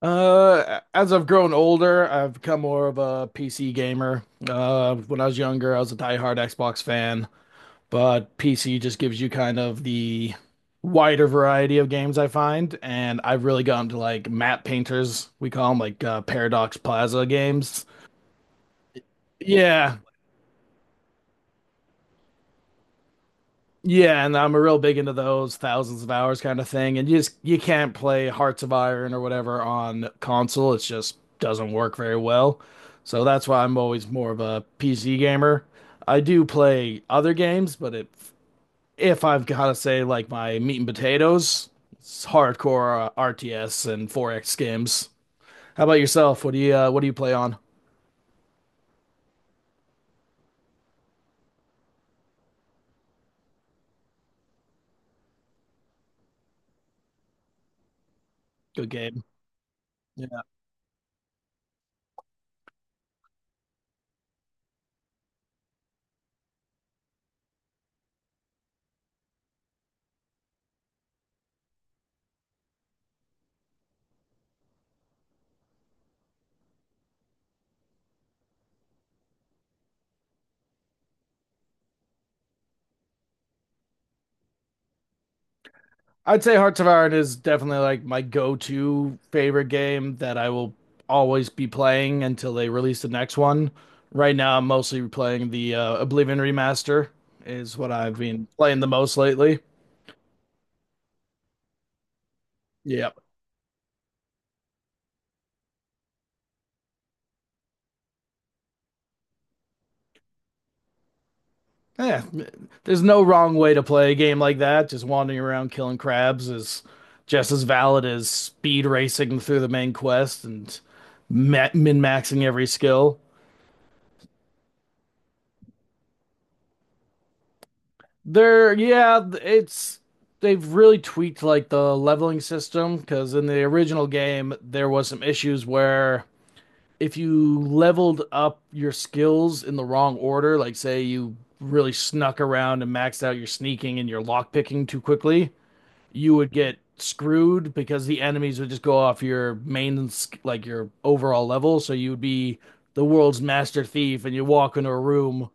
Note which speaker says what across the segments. Speaker 1: As I've grown older, I've become more of a PC gamer. When I was younger, I was a diehard Xbox fan, but PC just gives you kind of the wider variety of games I find, and I've really gotten to like map painters, we call them Paradox Plaza games. Yeah, Yeah, and I'm real big into those thousands of hours kind of thing. And you just you can't play Hearts of Iron or whatever on console. It just doesn't work very well. So that's why I'm always more of a PC gamer. I do play other games, but if I've got to say like my meat and potatoes, it's hardcore RTS and 4X games. How about yourself? What do you play on? Good game. I'd say Hearts of Iron is definitely like my go-to favorite game that I will always be playing until they release the next one. Right now, I'm mostly playing the Oblivion Remaster is what I've been playing the most lately. Yeah. Yeah, there's no wrong way to play a game like that. Just wandering around killing crabs is just as valid as speed racing through the main quest and min-maxing every skill. They're yeah, it's they've really tweaked like the leveling system because in the original game there was some issues where if you leveled up your skills in the wrong order, like say you really snuck around and maxed out your sneaking and your lockpicking too quickly, you would get screwed because the enemies would just go off your like your overall level, so you would be the world's master thief and you walk into a room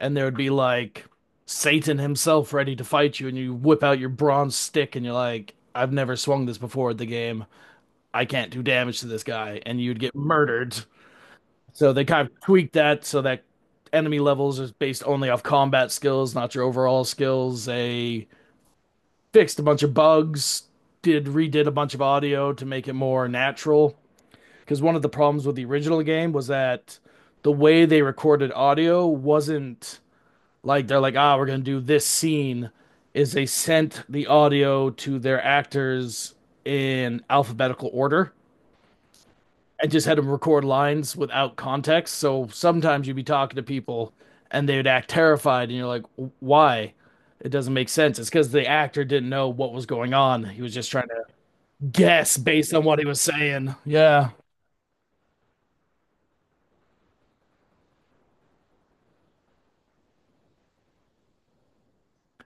Speaker 1: and there would be like Satan himself ready to fight you, and you whip out your bronze stick, and you're like, I've never swung this before at the game. I can't do damage to this guy, and you'd get murdered. So they kind of tweaked that so that enemy levels is based only off combat skills, not your overall skills. They fixed a bunch of bugs, did redid a bunch of audio to make it more natural. Because one of the problems with the original game was that the way they recorded audio wasn't like they're like, we're gonna do this scene. Is they sent the audio to their actors in alphabetical order and just had them record lines without context. So sometimes you'd be talking to people and they would act terrified, and you're like, why? It doesn't make sense. It's because the actor didn't know what was going on. He was just trying to guess based on what he was saying. Yeah.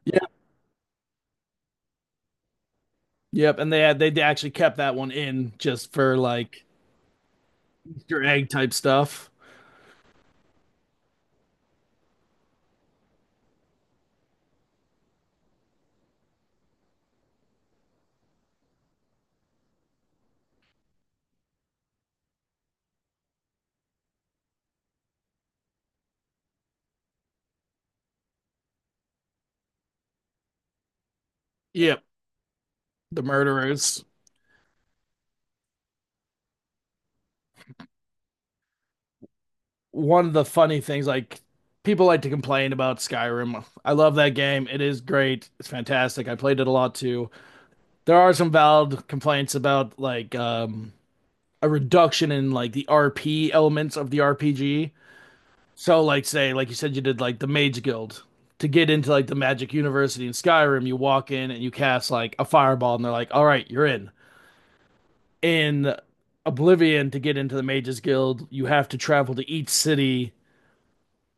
Speaker 1: Yep. Yep. And they actually kept that one in just for like Easter egg type stuff. Yep. The murderers. One of the funny things, like people like to complain about Skyrim. I love that game. It is great. It's fantastic. I played it a lot too. There are some valid complaints about a reduction in like the RP elements of the RPG. So like say like you said you did like the Mage Guild. To get into like the Magic University in Skyrim, you walk in and you cast like a fireball and they're like, "All right, you're in." In Oblivion to get into the Mages Guild, you have to travel to each city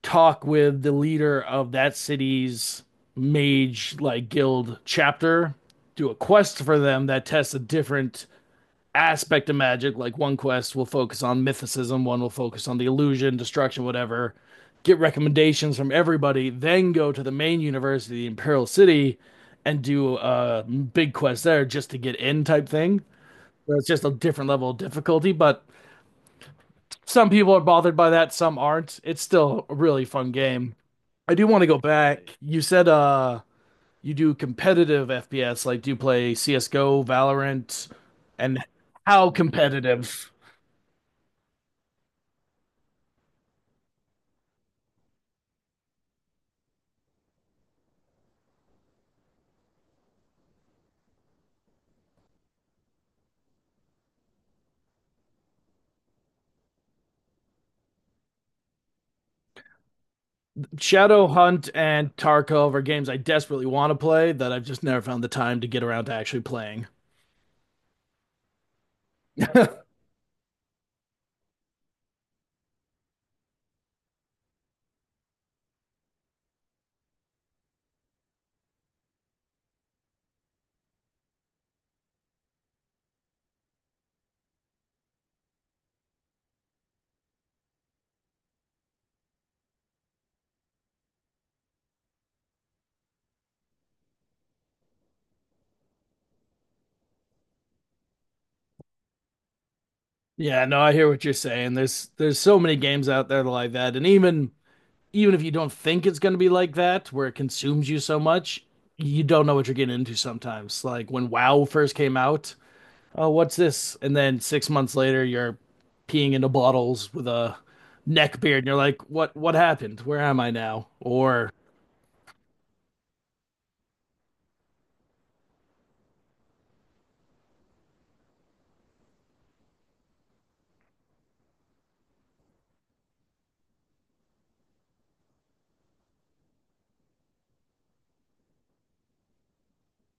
Speaker 1: talk with the leader of that city's mage like guild chapter, do a quest for them that tests a different aspect of magic. Like one quest will focus on mythicism, one will focus on the illusion, destruction, whatever. Get recommendations from everybody, then go to the main university, Imperial City, and do a big quest there just to get in type thing. So it's just a different level of difficulty, but some people are bothered by that, some aren't. It's still a really fun game. I do want to go back. You said you do competitive FPS, like do you play CS:GO, Valorant, and how competitive? Shadowhunt and Tarkov are games I desperately want to play that I've just never found the time to get around to actually playing. Yeah, no, I hear what you're saying. There's so many games out there like that, and even if you don't think it's going to be like that, where it consumes you so much, you don't know what you're getting into sometimes. Like when WoW first came out, oh, what's this? And then 6 months later, you're peeing into bottles with a neck beard, and you're like, what happened? Where am I now? Or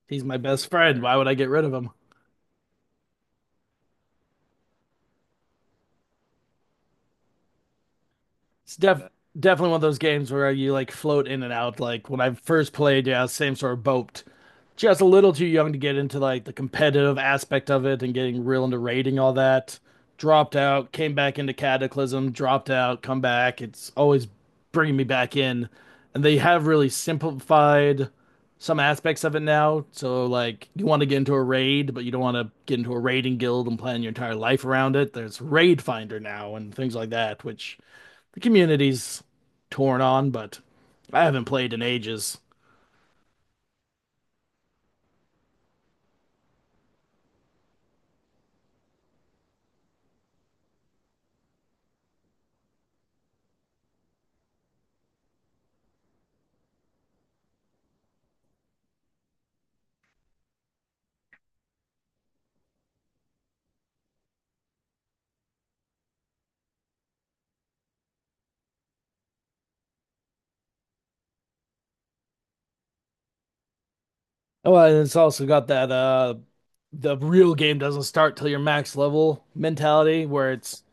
Speaker 1: he's my best friend. Why would I get rid of him? It's def Definitely one of those games where you like float in and out. Like when I first played, yeah, same sort of boat. Just a little too young to get into like the competitive aspect of it and getting real into raiding all that. Dropped out, came back into Cataclysm, dropped out, come back. It's always bringing me back in. And they have really simplified some aspects of it now. So like you want to get into a raid, but you don't want to get into a raiding guild and plan your entire life around it. There's Raid Finder now and things like that, which the community's torn on, but I haven't played in ages. Oh, and it's also got that the real game doesn't start till your max level mentality where it's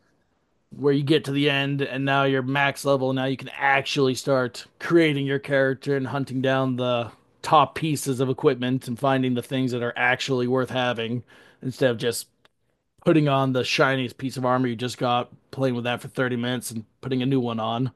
Speaker 1: where you get to the end and now you're max level now you can actually start creating your character and hunting down the top pieces of equipment and finding the things that are actually worth having instead of just putting on the shiniest piece of armor you just got playing with that for 30 minutes and putting a new one on.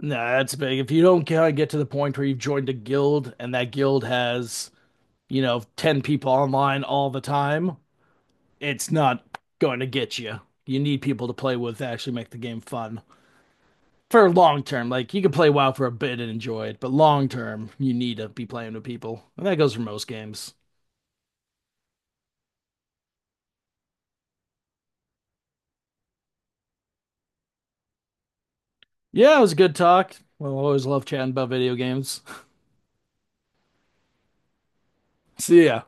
Speaker 1: No, that's big. If you don't get to the point where you've joined a guild and that guild has, you know, 10 people online all the time, it's not going to get you. You need people to play with to actually make the game fun. For long term, like you can play WoW for a bit and enjoy it, but long term, you need to be playing with people. And that goes for most games. Yeah, it was a good talk. Well, I always love chatting about video games. See ya.